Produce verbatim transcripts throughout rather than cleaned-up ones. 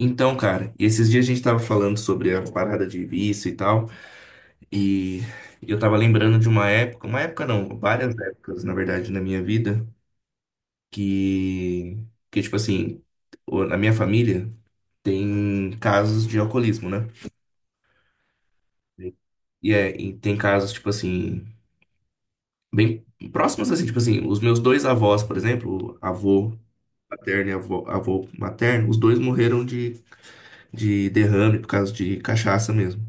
Então, cara, esses dias a gente tava falando sobre a parada de vício e tal, e eu tava lembrando de uma época, uma época não, várias épocas, na verdade, na minha vida, que, que tipo assim, o- na minha família tem casos de alcoolismo, né? E, é, e tem casos, tipo assim, bem próximos, assim, tipo assim, os meus dois avós, por exemplo, avô paterno e avô, avô materno, os dois morreram de, de derrame por causa de cachaça mesmo.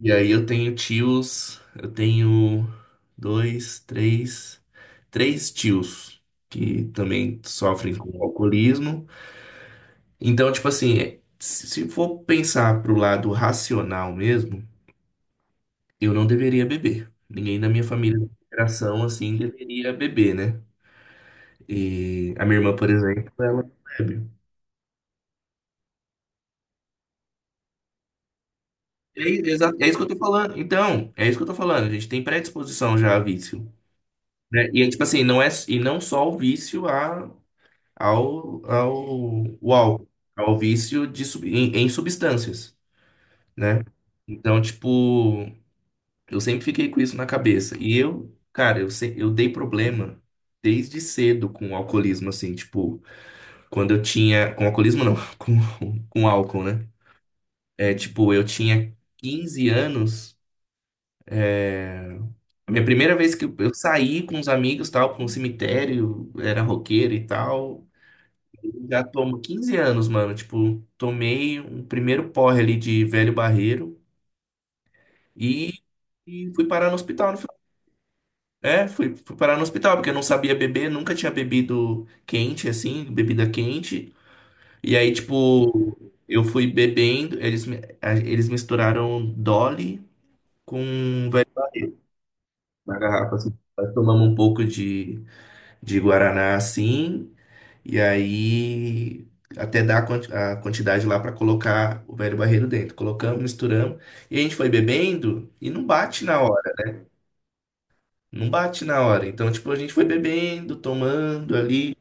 E aí eu tenho tios, eu tenho dois, três, três tios que também sofrem com alcoolismo. Então, tipo assim, é, se se for pensar pro lado racional mesmo, eu não deveria beber. Ninguém da minha família de geração assim deveria beber, né? E a minha irmã, por exemplo, ela não bebe. É, i- exa- é isso que eu tô falando. Então, é isso que eu tô falando. A gente tem predisposição já a vício. Né? E é tipo assim, não é, e não só o vício a ao, ao, o álcool, ao vício de, sub- em, em substâncias, né? Então, tipo, eu sempre fiquei com isso na cabeça. E eu, cara, eu, se- eu dei problema desde cedo com o alcoolismo, assim, tipo, quando eu tinha. Com alcoolismo não, com, com álcool, né? É, tipo, eu tinha quinze anos. A minha primeira vez que eu eu saí com os amigos, tal, para um cemitério, era roqueiro e tal. Eu Já tomo quinze anos, mano. Tipo, tomei um primeiro porre ali de velho barreiro e, e fui parar no hospital. No... final. É, fui, fui parar no hospital, porque eu não sabia beber, nunca tinha bebido quente, assim, bebida quente. E aí, tipo, eu fui bebendo, eles, mi- a- eles misturaram Dolly com na garrafa, assim. Nós tomamos um pouco de, de Guaraná, assim, e aí até dar a quanti- a quantidade lá para colocar o velho barreiro dentro. Colocamos, misturamos. E a gente foi bebendo e não bate na hora. Não bate na hora. Então, tipo, a gente foi bebendo, tomando ali.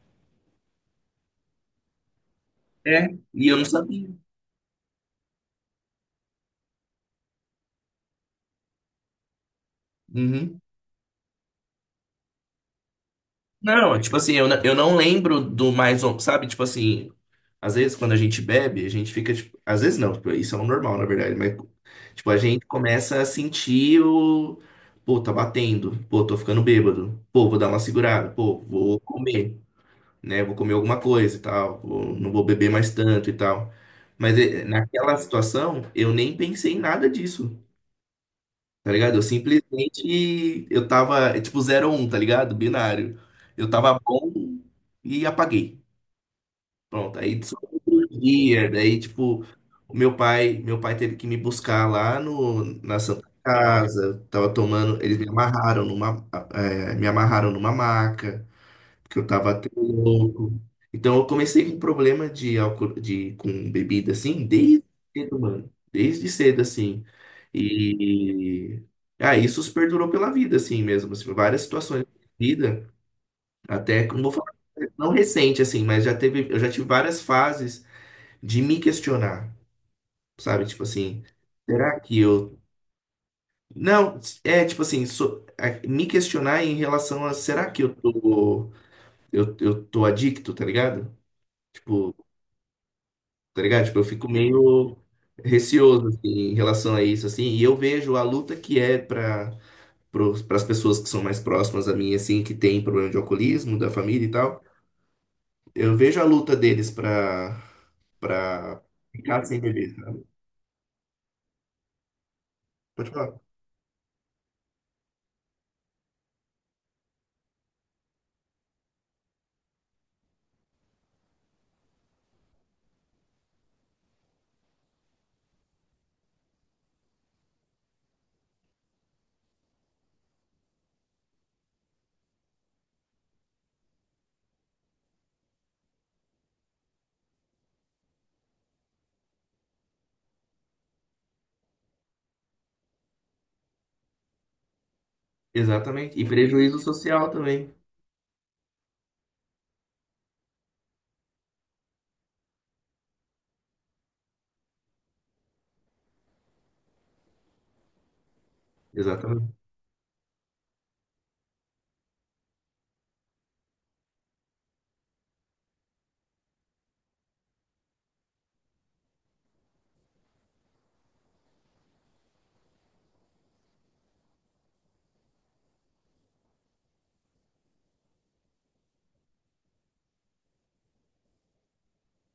É. E eu não sabia. Uhum. Não, tipo assim, eu, n- eu não lembro do mais, um, sabe? Tipo assim, às vezes quando a gente bebe, a gente fica, tipo, às vezes não, tipo, isso é um normal, na verdade, mas, tipo, a gente começa a sentir o, pô, tá batendo, pô, tô ficando bêbado, pô, vou dar uma segurada, pô, vou comer, né? Vou comer alguma coisa e tal, vou- não vou beber mais tanto e tal. Mas eh, naquela situação, eu nem pensei em nada disso. Tá ligado? Eu simplesmente eu tava, é tipo zero ou um, tá ligado? Binário. Eu tava bom e apaguei. Pronto. Aí só outro dia, daí tipo, o meu pai, meu pai teve que me buscar lá no na Santa Casa. Tava tomando, eles me amarraram numa, eh, me amarraram numa maca que eu estava até louco. Então eu comecei com problema de álcool, de com bebida assim, desde cedo, mano. Desde cedo, assim. E ah, isso perdurou pela vida, assim mesmo. Assim, várias situações da vida, até que eu não vou falar, não recente, assim, mas já teve, eu já tive várias fases de me questionar, sabe? Tipo assim, será que eu. Não, é tipo assim, so- a- me questionar em relação a será que eu tô, eu, eu tô adicto, tá ligado? Tipo, tá ligado? Tipo, eu fico meio receoso assim, em relação a isso, assim, e eu vejo a luta que é para para as pessoas que são mais próximas a mim, assim, que tem problema de alcoolismo, da família e tal. Eu vejo a luta deles para para ficar sem beber, sabe? Pode falar. Exatamente. E prejuízo social também. Exatamente.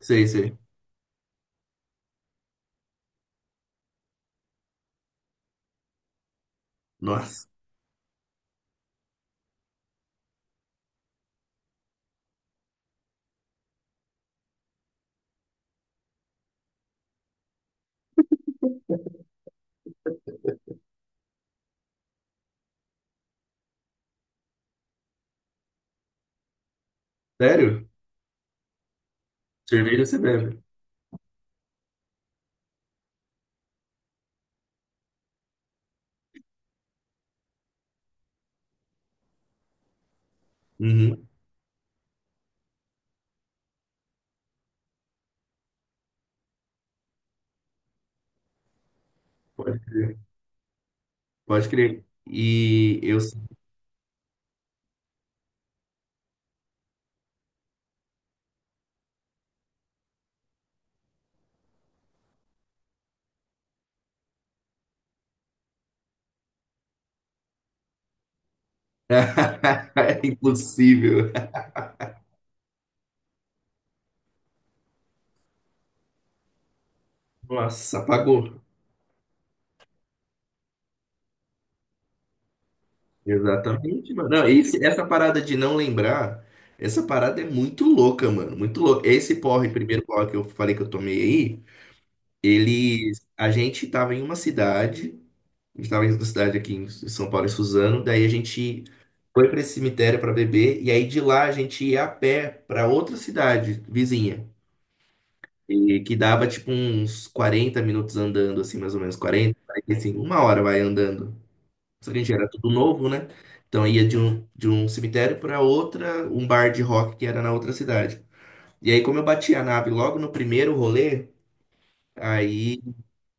Sei, sei. Nossa. Sério? Cerveja você bebe. Uhum. Pode, pode crer. E eu. É impossível. Nossa, apagou. Exatamente, mano. Não, esse- essa parada de não lembrar, essa parada é muito louca, mano. Muito louca. Esse porre, primeiro porre que eu falei que eu tomei aí, eles. A gente tava em uma cidade, a gente tava em uma cidade aqui em São Paulo, em Suzano, daí a gente foi pra esse cemitério pra beber, e aí de lá a gente ia a pé pra outra cidade vizinha. E que dava tipo uns quarenta minutos andando, assim, mais ou menos, quarenta, quarenta e cinco, uma hora vai andando. Só que, gente, era tudo novo, né? Então ia de um, de um cemitério para outra, um bar de rock que era na outra cidade. E aí, como eu bati a nave logo no primeiro rolê, aí,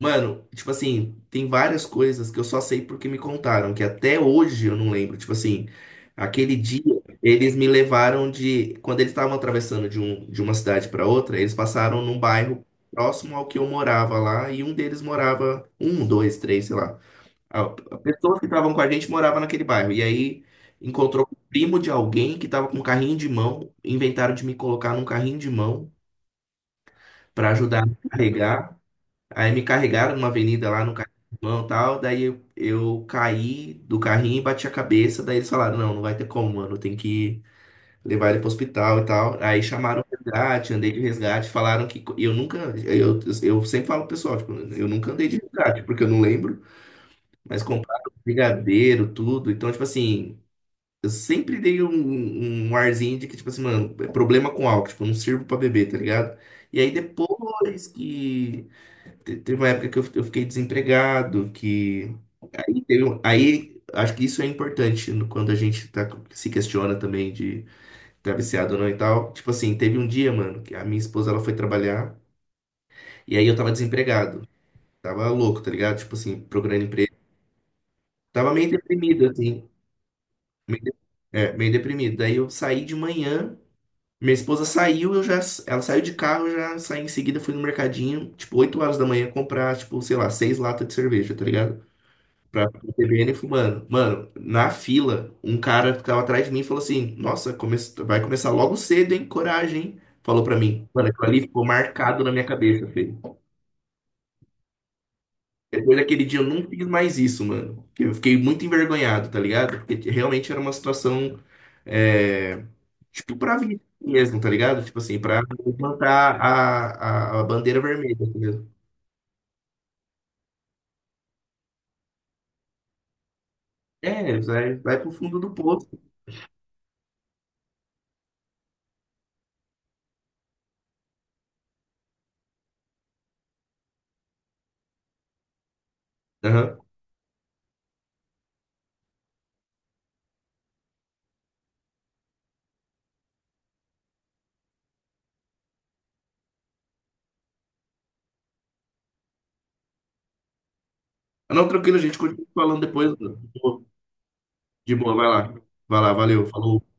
mano, tipo assim, tem várias coisas que eu só sei porque me contaram, que até hoje eu não lembro. Tipo assim, aquele dia eles me levaram de. Quando eles estavam atravessando de, um, de uma cidade para outra, eles passaram num bairro próximo ao que eu morava lá, e um deles morava, um, dois, três, sei lá. A- a- Pessoas que estavam com a gente moravam naquele bairro. E aí encontrou o primo de alguém que estava com um carrinho de mão. Inventaram de me colocar num carrinho de mão para ajudar a me carregar. Aí me carregaram numa avenida lá no carrinho de mão e tal. Daí eu, eu caí do carrinho e bati a cabeça. Daí eles falaram: não, não vai ter como, mano. Tem que levar ele pro hospital e tal. Aí chamaram o resgate, andei de resgate. Falaram que co- eu nunca. Eu, eu sempre falo pro pessoal: tipo, eu nunca andei de resgate, porque eu não lembro. Mas compraram brigadeiro, tudo. Então, tipo assim, eu sempre dei um, um um arzinho de que, tipo assim, mano, é problema com álcool, tipo, eu não sirvo pra beber, tá ligado? E aí depois que. te- Teve uma época que eu, eu fiquei desempregado, que. Aí, teve, um- aí acho que isso é importante no- quando a gente tá, com- se questiona também de tá viciado ou não e tal. Tipo assim, teve um dia, mano, que a minha esposa ela foi trabalhar e aí eu tava desempregado. Tava louco, tá ligado? Tipo assim, procurando emprego. Tava meio deprimido, assim. Meio, de- é, meio deprimido. Daí eu saí de manhã, minha esposa saiu, eu já, ela saiu de carro, eu já saí em seguida, fui no mercadinho, tipo, oito horas da manhã, comprar, tipo, sei lá, seis latas de cerveja, tá ligado? Pra T B N fumando. Mano, na fila, um cara que tava atrás de mim falou assim: nossa, come- vai começar logo cedo, hein? Coragem, hein? Falou pra mim. Mano, aquilo ali ficou marcado na minha cabeça, filho. Depois daquele dia eu não fiz mais isso, mano. Eu fiquei muito envergonhado, tá ligado? Porque realmente era uma situação. é, Tipo, pra vida mesmo, tá ligado? Tipo assim, pra levantar a, a, a bandeira vermelha, entendeu? É, vai, vai pro fundo do poço. Aham. Ah, não, tranquilo, gente. Continua falando depois. De boa, de boa, vai lá. Vai lá, valeu, falou.